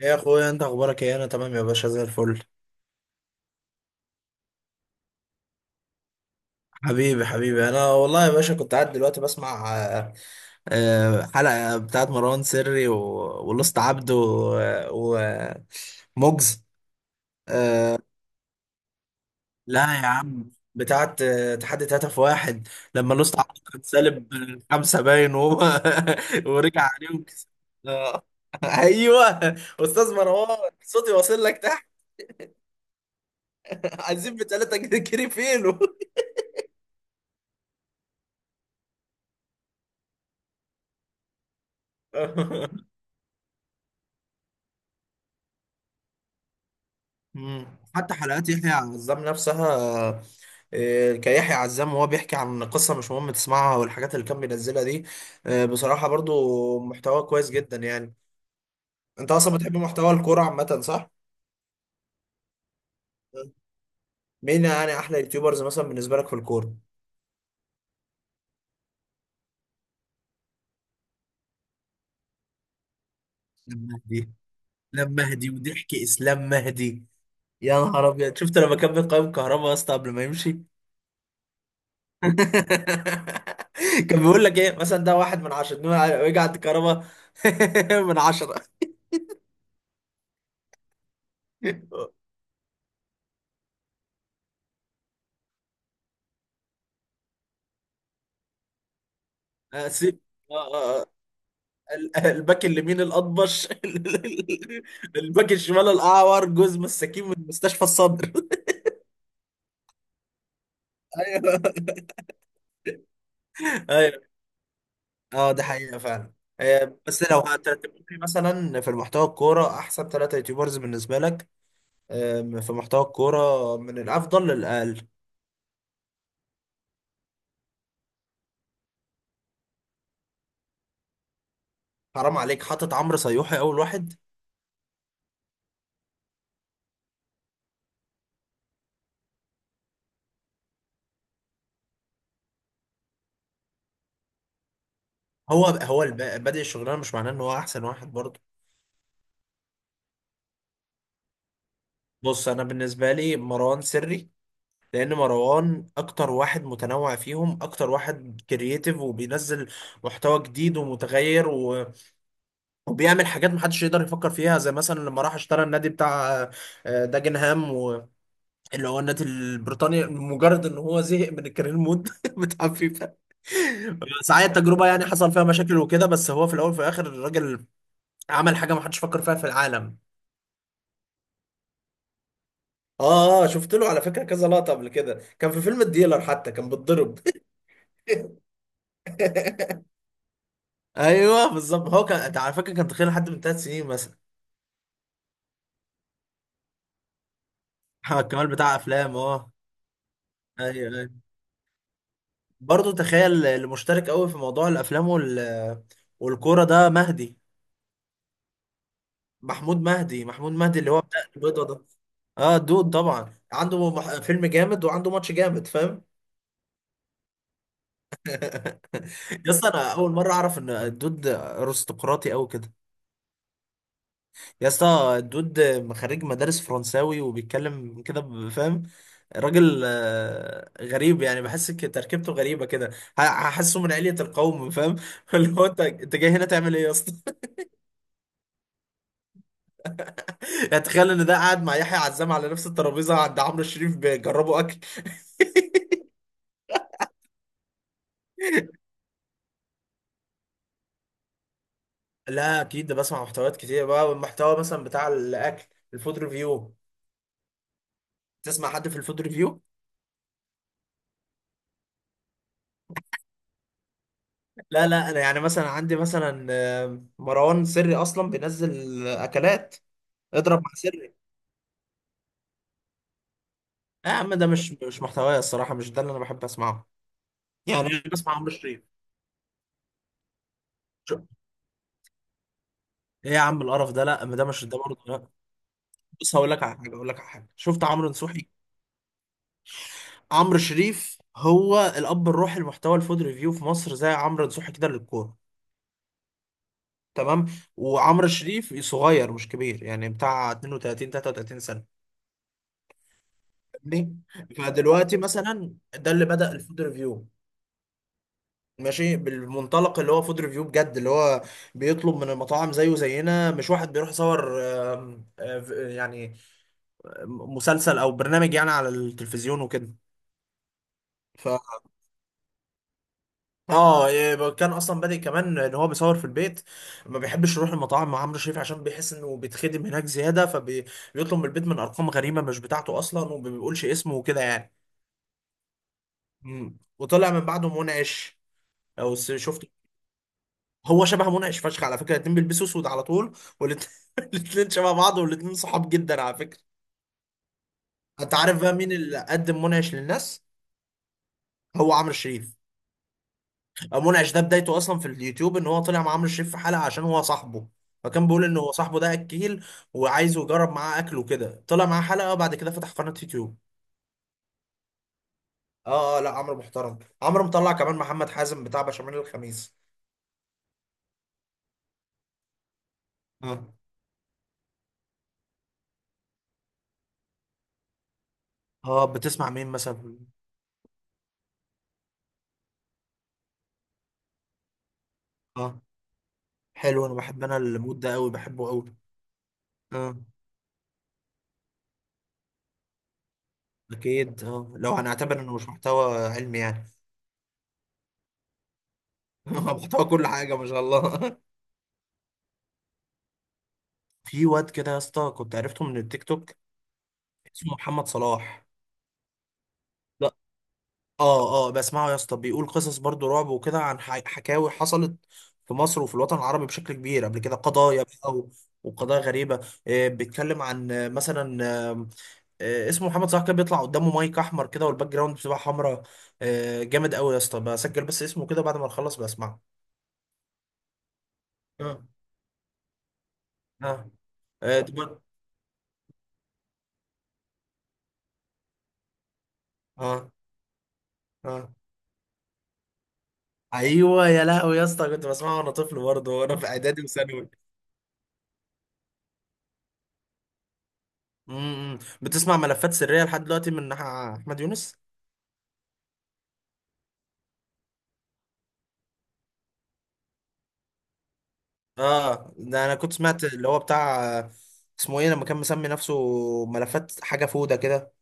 يا اخويا انت اخبارك ايه؟ انا تمام يا باشا زي الفل. حبيبي حبيبي، انا والله يا باشا كنت قاعد دلوقتي بسمع حلقة بتاعت مروان سري ولوست عبده ومجز. لا يا عم، بتاعت تحدي هدف واحد. لما لوست عبده كان سالب خمسة باين وهو ورجع عليه وكسب. آه. ايوه، استاذ مروان صوتي واصل لك تحت. عايزين بتلاتة جنيه كيري فينو. مم. حتى حلقات يحيى عزام نفسها، كيحيى عزام وهو بيحكي عن قصة مش مهم تسمعها والحاجات اللي كان بينزلها دي. بصراحة برضو محتوى كويس جدا يعني. انت اصلا بتحب محتوى الكورة عامة صح؟ مين يعني احلى يوتيوبرز مثلا بالنسبة لك في الكورة؟ لم مهدي. لم مهدي وضحك اسلام مهدي. يا نهار ابيض، شفت لما كان بيقيم كهربا يا اسطى قبل ما يمشي؟ كان بيقول لك ايه مثلا؟ ده واحد من عشرة، ويجي عند كهربا من عشرة. سيب. آه، آه، الباك اليمين الأطبش. الباك الشمال الأعور، جوز مساكين من مستشفى الصدر. ايوه. ايوه، اه ده حقيقة فعلا. بس لو هترتب لي مثلا في المحتوى الكورة أحسن ثلاثة يوتيوبرز بالنسبة لك، في محتوى الكورة من الأفضل للأقل. حرام عليك حاطط عمرو صيوحي أول واحد! هو هو الب- بادئ الشغلانة مش معناه إن هو أحسن واحد برضه. بص، أنا بالنسبة لي مروان سري، لان مروان اكتر واحد متنوع فيهم، اكتر واحد كرييتيف وبينزل محتوى جديد ومتغير وبيعمل حاجات محدش يقدر يفكر فيها. زي مثلا لما راح اشترى النادي بتاع داجنهام اللي هو النادي البريطاني، مجرد ان هو زهق من الكارير مود بتاع فيفا. ساعات التجربة يعني حصل فيها مشاكل وكده، بس هو في الاول وفي الاخر الراجل عمل حاجة محدش فكر فيها في العالم. اه اه، شفت له على فكرة كذا لقطة قبل كده، كان في فيلم الديلر حتى كان بيتضرب. ايوه بالظبط. هو كان أنت على فكره كان تخيل حد من ثلاث سنين مثلا. محمد كمال بتاع افلام اه. ايوه ايوه. برضه تخيل، اللي مشترك قوي في موضوع الافلام والكوره ده مهدي. محمود مهدي، محمود مهدي اللي هو بتاع البيضه ده. اه دود طبعا، عنده فيلم جامد وعنده ماتش جامد، فاهم؟ يا اسطى انا اول مره اعرف ان الدود ارستقراطي قوي كده. يا اسطى الدود خريج مدارس فرنساوي وبيتكلم كده فاهم؟ راجل غريب يعني، بحس تركيبته غريبه كده. هحسه من علية القوم، فاهم؟ اللي هو انت انت جاي هنا تعمل ايه يا اسطى؟ يعني تخيل ان ده قاعد مع يحيى عزام على نفس الترابيزه عند عمرو الشريف بيجربوا اكل. لا اكيد، ده بسمع محتويات كتير بقى. والمحتوى مثلا بتاع الاكل، الفود ريفيو. تسمع حد في الفود ريفيو؟ لا لا، انا يعني مثلا عندي مثلا مروان سري اصلا بينزل اكلات، اضرب مع سري. لا يا عم، ده مش محتوايا الصراحه، مش ده اللي انا بحب اسمعه. يعني انا بسمع عمرو الشريف. ايه يا عم القرف ده، لا ما ده مش ده برضه لا. بص هقول لك على حاجه، اقول لك على حاجه، شفت عمرو نصوحي؟ عمرو شريف هو الاب الروحي لمحتوى الفود ريفيو في مصر، زي عمرو نصوحي كده للكوره. تمام. وعمرو شريف صغير مش كبير يعني، بتاع 32 33 سنه، فاهمني؟ فدلوقتي مثلا ده اللي بدأ الفود ريفيو، ماشي، بالمنطلق اللي هو فود ريفيو بجد، اللي هو بيطلب من المطاعم زيه زينا، مش واحد بيروح يصور. آم، آه، يعني مسلسل او برنامج يعني على التلفزيون وكده. اه إيه، كان اصلا بادئ كمان ان هو بيصور في البيت، ما بيحبش يروح المطاعم مع عمرو شريف عشان بيحس انه بيتخدم هناك زياده. فبيطلب من البيت من ارقام غريبه مش بتاعته اصلا وما بيقولش اسمه وكده يعني. مم. وطلع من بعده منعش، شفت؟ هو شبه منعش فشخ على فكره، الاتنين بيلبسوا اسود على طول، والاتنين الاتنين شبه بعض والاتنين صحاب جدا على فكره. انت عارف بقى مين اللي قدم منعش للناس؟ هو عمرو شريف. منعش ده بدايته اصلا في اليوتيوب ان هو طلع مع عمرو شريف في حلقه عشان هو صاحبه. فكان بيقول ان هو صاحبه ده اكيل وعايزه يجرب معاه اكله كده، طلع معاه حلقه وبعد كده فتح قناه يوتيوب. اه اه، لا عمرو محترم، عمرو مطلع كمان محمد حازم بتاع بشاميل الخميس. اه اه، بتسمع مين مثلا؟ اه حلو، انا بحب انا المود ده قوي، بحبه قوي. اه اكيد، اه لو هنعتبر انه مش محتوى علمي يعني. محتوى كل حاجه ما شاء الله. في واد كده يا اسطى كنت عرفته من التيك توك، اسمه محمد صلاح. لا. اه اه، بسمعه يا اسطى، بيقول قصص برضو رعب وكده عن حكاوي حصلت في مصر وفي الوطن العربي بشكل كبير قبل كده، قضايا بقى وقضايا غريبة. بيتكلم عن مثلا، آه، اسمه محمد صلاح، كان بيطلع قدامه مايك احمر كده، والباك جراوند بتبقى حمراء. جامد قوي يا اسطى، بسجل بس اسمه كده بعد ما نخلص بسمعه. اه اه. آه، طب- اه اه. ايوه يا لهوي يا اسطى، كنت بسمعه وانا طفل برضه وانا في اعدادي وثانوي. امم، بتسمع ملفات سرية لحد دلوقتي من احمد يونس؟ اه ده انا كنت سمعت اللي هو بتاع اسمه ايه لما كان مسمي نفسه ملفات حاجه فوده كده.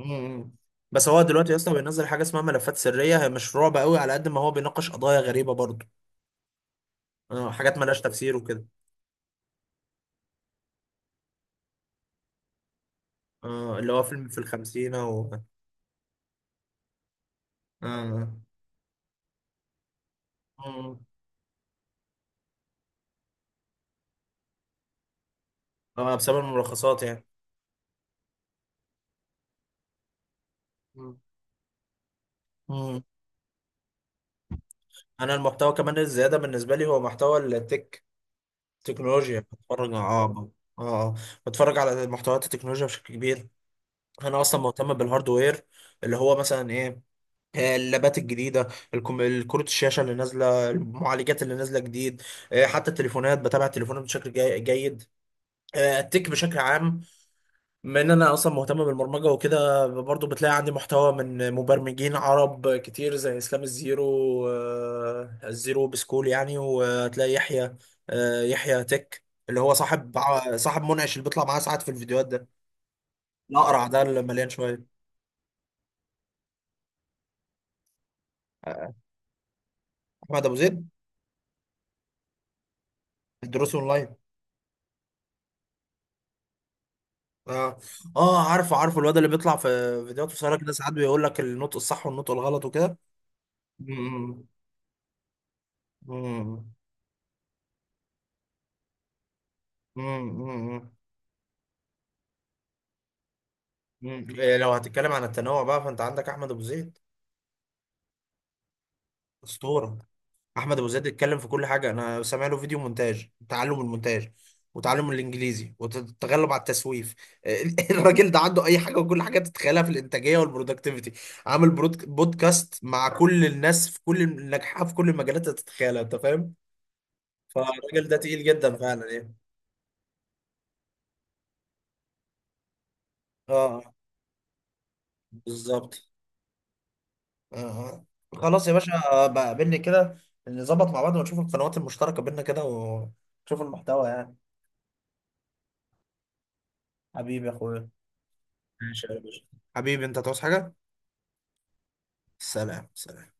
امم. بس هو دلوقتي اصلا بينزل حاجه اسمها ملفات سريه، هي مش رعب قوي على قد ما هو بيناقش قضايا غريبه برضه. اه، حاجات ملهاش تفسير وكده. اه اللي هو فيلم في الخمسينه و... اه. مم. اه بسبب الملخصات يعني. مم. مم. انا المحتوى كمان الزياده بالنسبه لي هو محتوى التك، تكنولوجيا، بتفرج اه اه. آه. بتفرج على محتويات التكنولوجيا بشكل كبير. انا اصلا مهتم بالهاردوير، اللي هو مثلا ايه، اللابات الجديده، الكروت الشاشه اللي نازله، المعالجات اللي نازله جديد، حتى التليفونات بتابع التليفونات بشكل جيد، التك بشكل عام. بما ان انا اصلا مهتم بالبرمجه وكده، برضو بتلاقي عندي محتوى من مبرمجين عرب كتير زي اسلام الزيرو، الزيرو بسكول يعني. وتلاقي يحيى، يحيى تك اللي هو صاحب منعش، اللي بيطلع معاه ساعات في الفيديوهات ده، الاقرع ده اللي مليان شويه. احمد ابو زيد الدروس اونلاين. اه اه، عارفه عارفه، الواد اللي بيطلع في فيديوهات قصيره كده ساعات بيقول لك النطق الصح والنطق الغلط وكده. أمم، أمم، أمم، أمم، أمم. إيه، لو هتتكلم عن التنوع بقى فانت عندك احمد ابو زيد. اسطوره. احمد ابو زيد اتكلم في كل حاجه، انا سامع له فيديو مونتاج تعلم المونتاج وتعلم الانجليزي والتغلب على التسويف. الراجل ده عنده اي حاجه وكل حاجه تتخيلها في الانتاجيه والبرودكتيفيتي، عامل بودكاست مع كل الناس في كل الناجحه في كل المجالات اللي تتخيلها، انت فاهم. فالراجل ده تقيل جدا فعلا يعني. اه بالظبط. اه. خلاص يا باشا، بقابلني كده، نظبط مع بعض ونشوف القنوات المشتركة بينا كده ونشوف المحتوى يعني. حبيبي يا اخويا. ماشي يا باشا. حبيبي انت تعوز حاجة؟ سلام سلام.